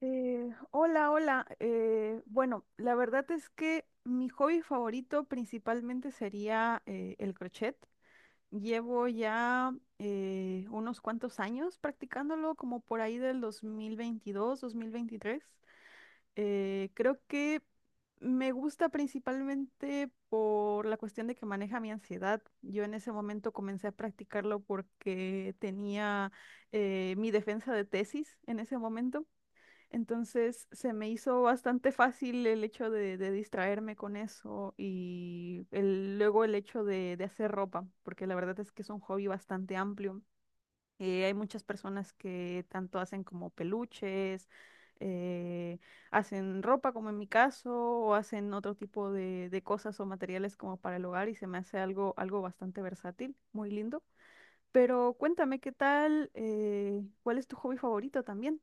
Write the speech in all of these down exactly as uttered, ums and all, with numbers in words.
Eh, hola, hola. Eh, bueno, la verdad es que mi hobby favorito principalmente sería eh, el crochet. Llevo ya eh, unos cuantos años practicándolo, como por ahí del dos mil veintidós, dos mil veintitrés. Eh, creo que me gusta principalmente por la cuestión de que maneja mi ansiedad. Yo en ese momento comencé a practicarlo porque tenía eh, mi defensa de tesis en ese momento. Entonces se me hizo bastante fácil el hecho de, de distraerme con eso y el- luego el hecho de, de hacer ropa, porque la verdad es que es un hobby bastante amplio. Eh, hay muchas personas que tanto hacen como peluches, eh, hacen ropa como en mi caso, o hacen otro tipo de, de cosas o materiales como para el hogar y se me hace algo, algo bastante versátil, muy lindo. Pero cuéntame qué tal, eh, ¿cuál es tu hobby favorito también?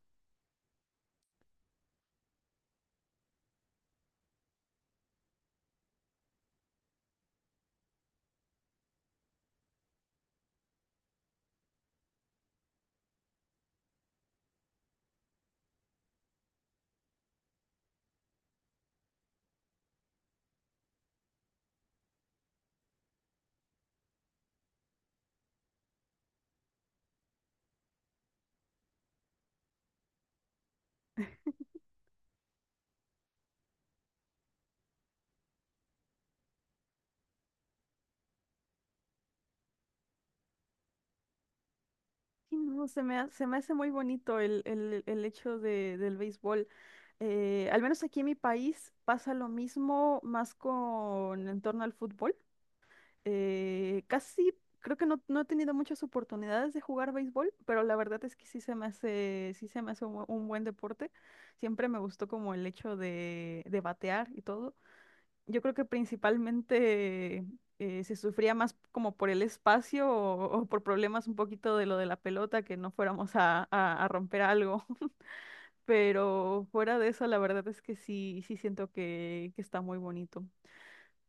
Sí, no, se me, ha- se me hace muy bonito el, el- el hecho de- del béisbol. Eh, al menos aquí en mi país pasa lo mismo más con en torno al fútbol. Eh, casi creo que no, no he tenido muchas oportunidades de jugar béisbol, pero la verdad es que sí se me hace, sí se me hace un, bu- un buen deporte. Siempre me gustó como el hecho de, de batear y todo. Yo creo que principalmente eh, se sufría más como por el espacio o, o por problemas un poquito de lo de la pelota, que no fuéramos a, a- a romper algo. Pero fuera de eso, la verdad es que sí, sí siento que, que está muy bonito.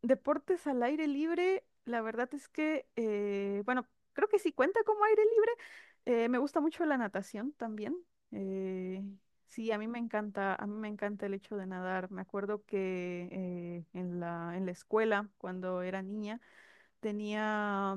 Deportes al aire libre, la verdad es que, eh, bueno, creo que sí cuenta como aire libre. Eh, me gusta mucho la natación también. eh, sí, a mí me encanta, a mí me encanta el hecho de nadar. Me acuerdo que eh, en la, en la escuela, cuando era niña, tenía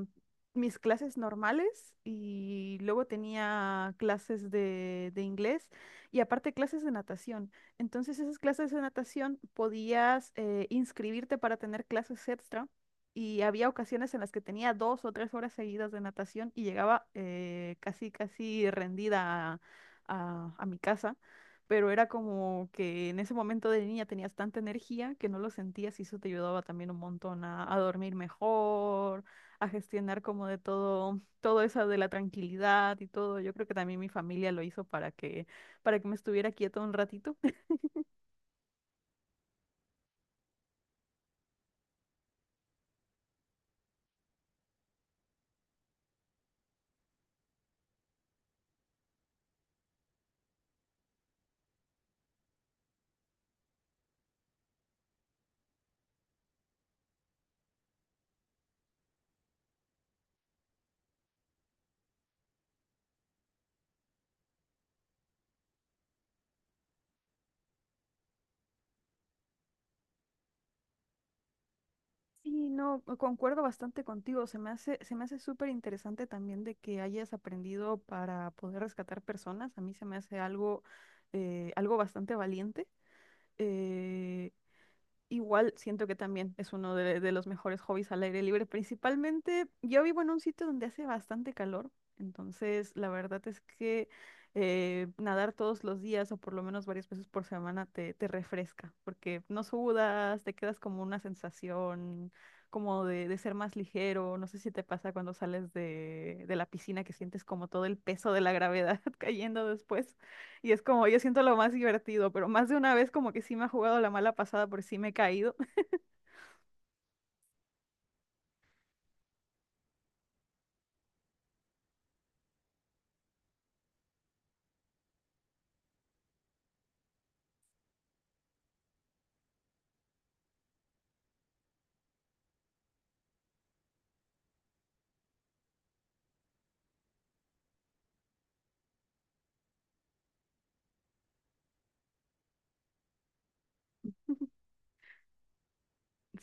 mis clases normales y luego tenía clases de, de inglés y aparte clases de natación. Entonces esas clases de natación podías eh, inscribirte para tener clases extra y había ocasiones en las que tenía dos o tres horas seguidas de natación y llegaba eh, casi, casi rendida a, a- a mi casa, pero era como que en ese momento de niña tenías tanta energía que no lo sentías y eso te ayudaba también un montón a, a dormir mejor, a gestionar como de todo, todo eso de la tranquilidad y todo. Yo creo que también mi familia lo hizo para que, para que me estuviera quieta un ratito. Sí, no, co- concuerdo bastante contigo. Se me hace, se me hace súper interesante también de que hayas aprendido para poder rescatar personas. A mí se me hace algo, eh, algo bastante valiente. Eh, Igual siento que también es uno de, de los mejores hobbies al aire libre. Principalmente, yo vivo en un sitio donde hace bastante calor, entonces la verdad es que eh, nadar todos los días o por lo menos varias veces por semana te, te refresca, porque no sudas, te quedas como una sensación como de, de ser más ligero. No sé si te pasa cuando sales de, de la piscina que sientes como todo el peso de la gravedad cayendo después. Y es como, yo siento lo más divertido, pero más de una vez como que sí me ha jugado la mala pasada por sí me he caído.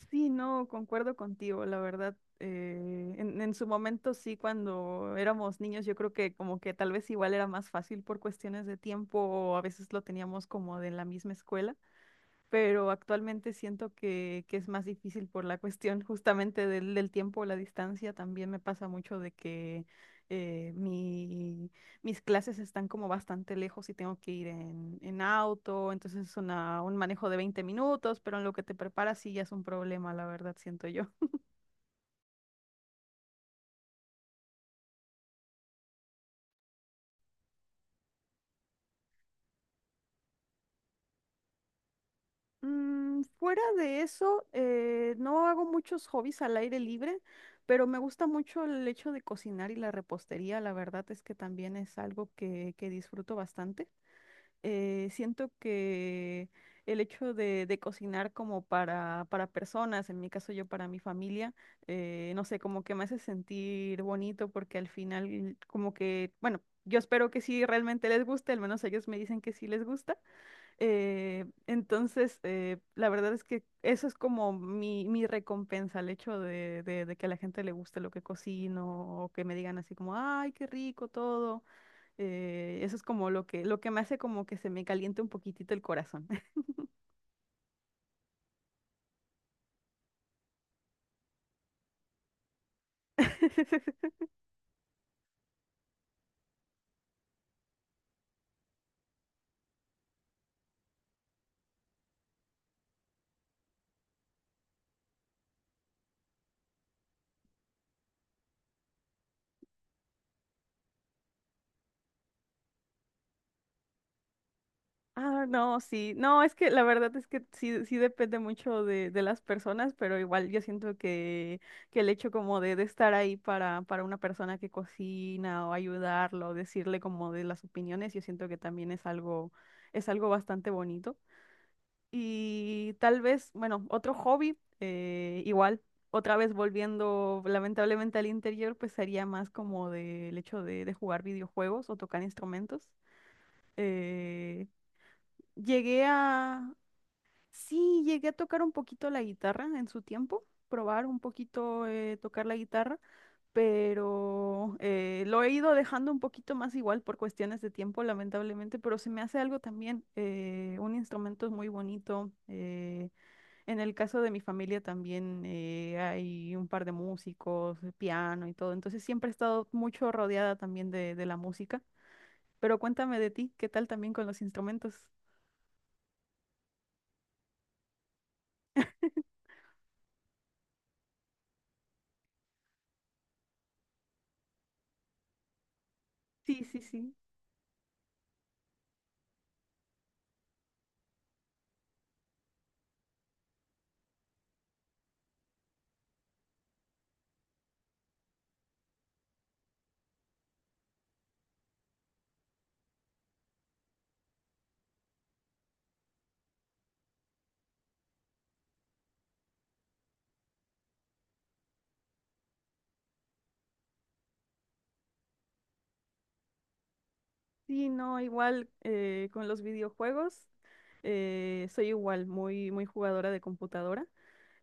Sí, no, concuerdo contigo, la verdad. eh, en, en su momento sí, cuando éramos niños, yo creo que como que tal vez igual era más fácil por cuestiones de tiempo o a veces lo teníamos como de la misma escuela. Pero actualmente siento que, que es más difícil por la cuestión justamente del, del tiempo, la distancia. También me pasa mucho de que eh, mi- mis clases están como bastante lejos y tengo que ir en, en auto, entonces es una- un manejo de veinte minutos, pero en lo que te preparas sí ya es un problema, la verdad, siento yo. Mm, fuera de eso, eh, no hago muchos hobbies al aire libre, pero me gusta mucho el hecho de cocinar y la repostería. La verdad es que también es algo que, que disfruto bastante. Eh, siento que el hecho de, de cocinar como para, para personas, en mi caso yo para mi familia, eh, no sé, como que me hace sentir bonito porque al final como que, bueno, yo espero que sí realmente les guste, al menos ellos me dicen que sí les gusta. Eh, entonces, eh, la verdad es que eso es como mi, mi recompensa, el hecho de, de- de que a la gente le guste lo que cocino o que me digan así como, ay, qué rico todo. Eh, eso es como lo que, lo que me hace como que se me caliente un poquitito el corazón. Ah, no, sí. No, es que la verdad es que sí, sí depende mucho de, de las personas, pero igual yo siento que, que el hecho como de, de estar ahí para, para una persona que cocina o ayudarlo, decirle como de las opiniones, yo siento que también es algo, es algo bastante bonito. Y tal vez, bueno, otro hobby, eh, igual, otra vez volviendo lamentablemente al interior, pues sería más como del hecho de, de jugar videojuegos o tocar instrumentos. Eh, Llegué a, Sí, llegué a tocar un poquito la guitarra en su tiempo, probar un poquito eh, tocar la guitarra, pero eh, lo he ido dejando un poquito más igual por cuestiones de tiempo, lamentablemente, pero se me hace algo también, eh, un instrumento es muy bonito. Eh, en el caso de mi familia también eh, hay un par de músicos, eh, piano y todo, entonces siempre he estado mucho rodeada también de, de la música, pero cuéntame de ti, ¿qué tal también con los instrumentos? Sí, sí, sí. Sí, no, igual eh, con los videojuegos, eh, soy igual, muy, muy jugadora de computadora.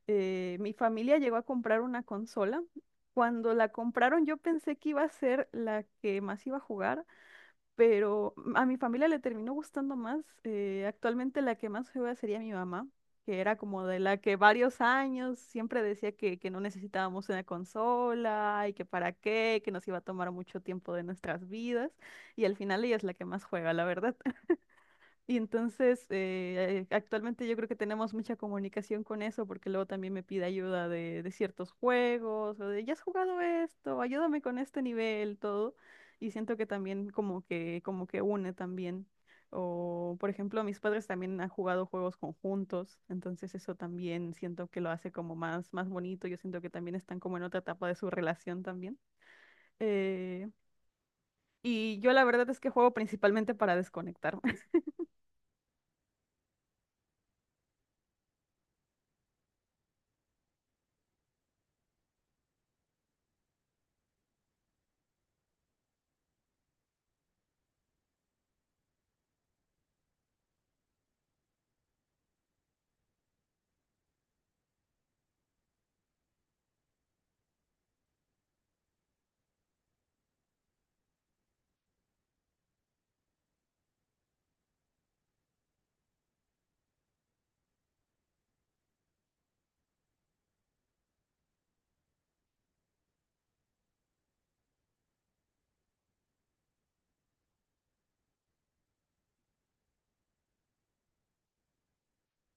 Eh, mi familia llegó a comprar una consola. Cuando la compraron, yo pensé que iba a ser la que más iba a jugar, pero a mi familia le terminó gustando más. Eh, actualmente la que más juega sería mi mamá, que era como de la que varios años siempre decía que, que no necesitábamos una consola y que para qué, que nos iba a tomar mucho tiempo de nuestras vidas. Y al final ella es la que más juega, la verdad. Y entonces, eh, actualmente yo creo que tenemos mucha comunicación con eso, porque luego también me pide ayuda de, de ciertos juegos, o de, ya has jugado esto, ayúdame con este nivel, todo. Y siento que también como que, como que une también. O, por ejemplo, mis padres también han jugado juegos conjuntos, entonces eso también siento que lo hace como más, más bonito. Yo siento que también están como en otra etapa de su relación también. Eh, y yo la verdad es que juego principalmente para desconectar.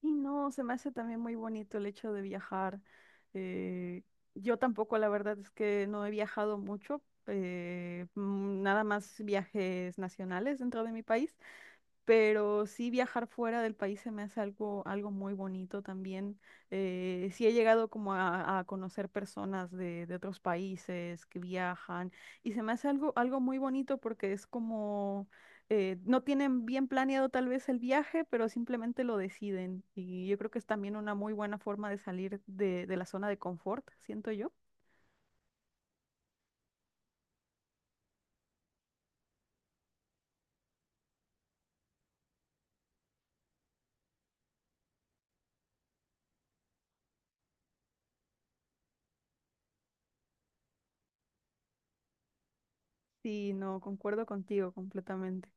Y no, se me hace también muy bonito el hecho de viajar. Eh, yo tampoco, la verdad es que no he viajado mucho, eh, mm, nada más viajes nacionales dentro de mi país, pero sí viajar fuera del país se me hace algo, algo muy bonito también. Eh, sí he llegado como a, a conocer personas de, de otros países que viajan y se me hace algo, algo muy bonito porque es como, eh, no tienen bien planeado tal vez el viaje, pero simplemente lo deciden y yo creo que es también una muy buena forma de salir de, de la zona de confort, siento yo. Sí, no, concuerdo contigo completamente.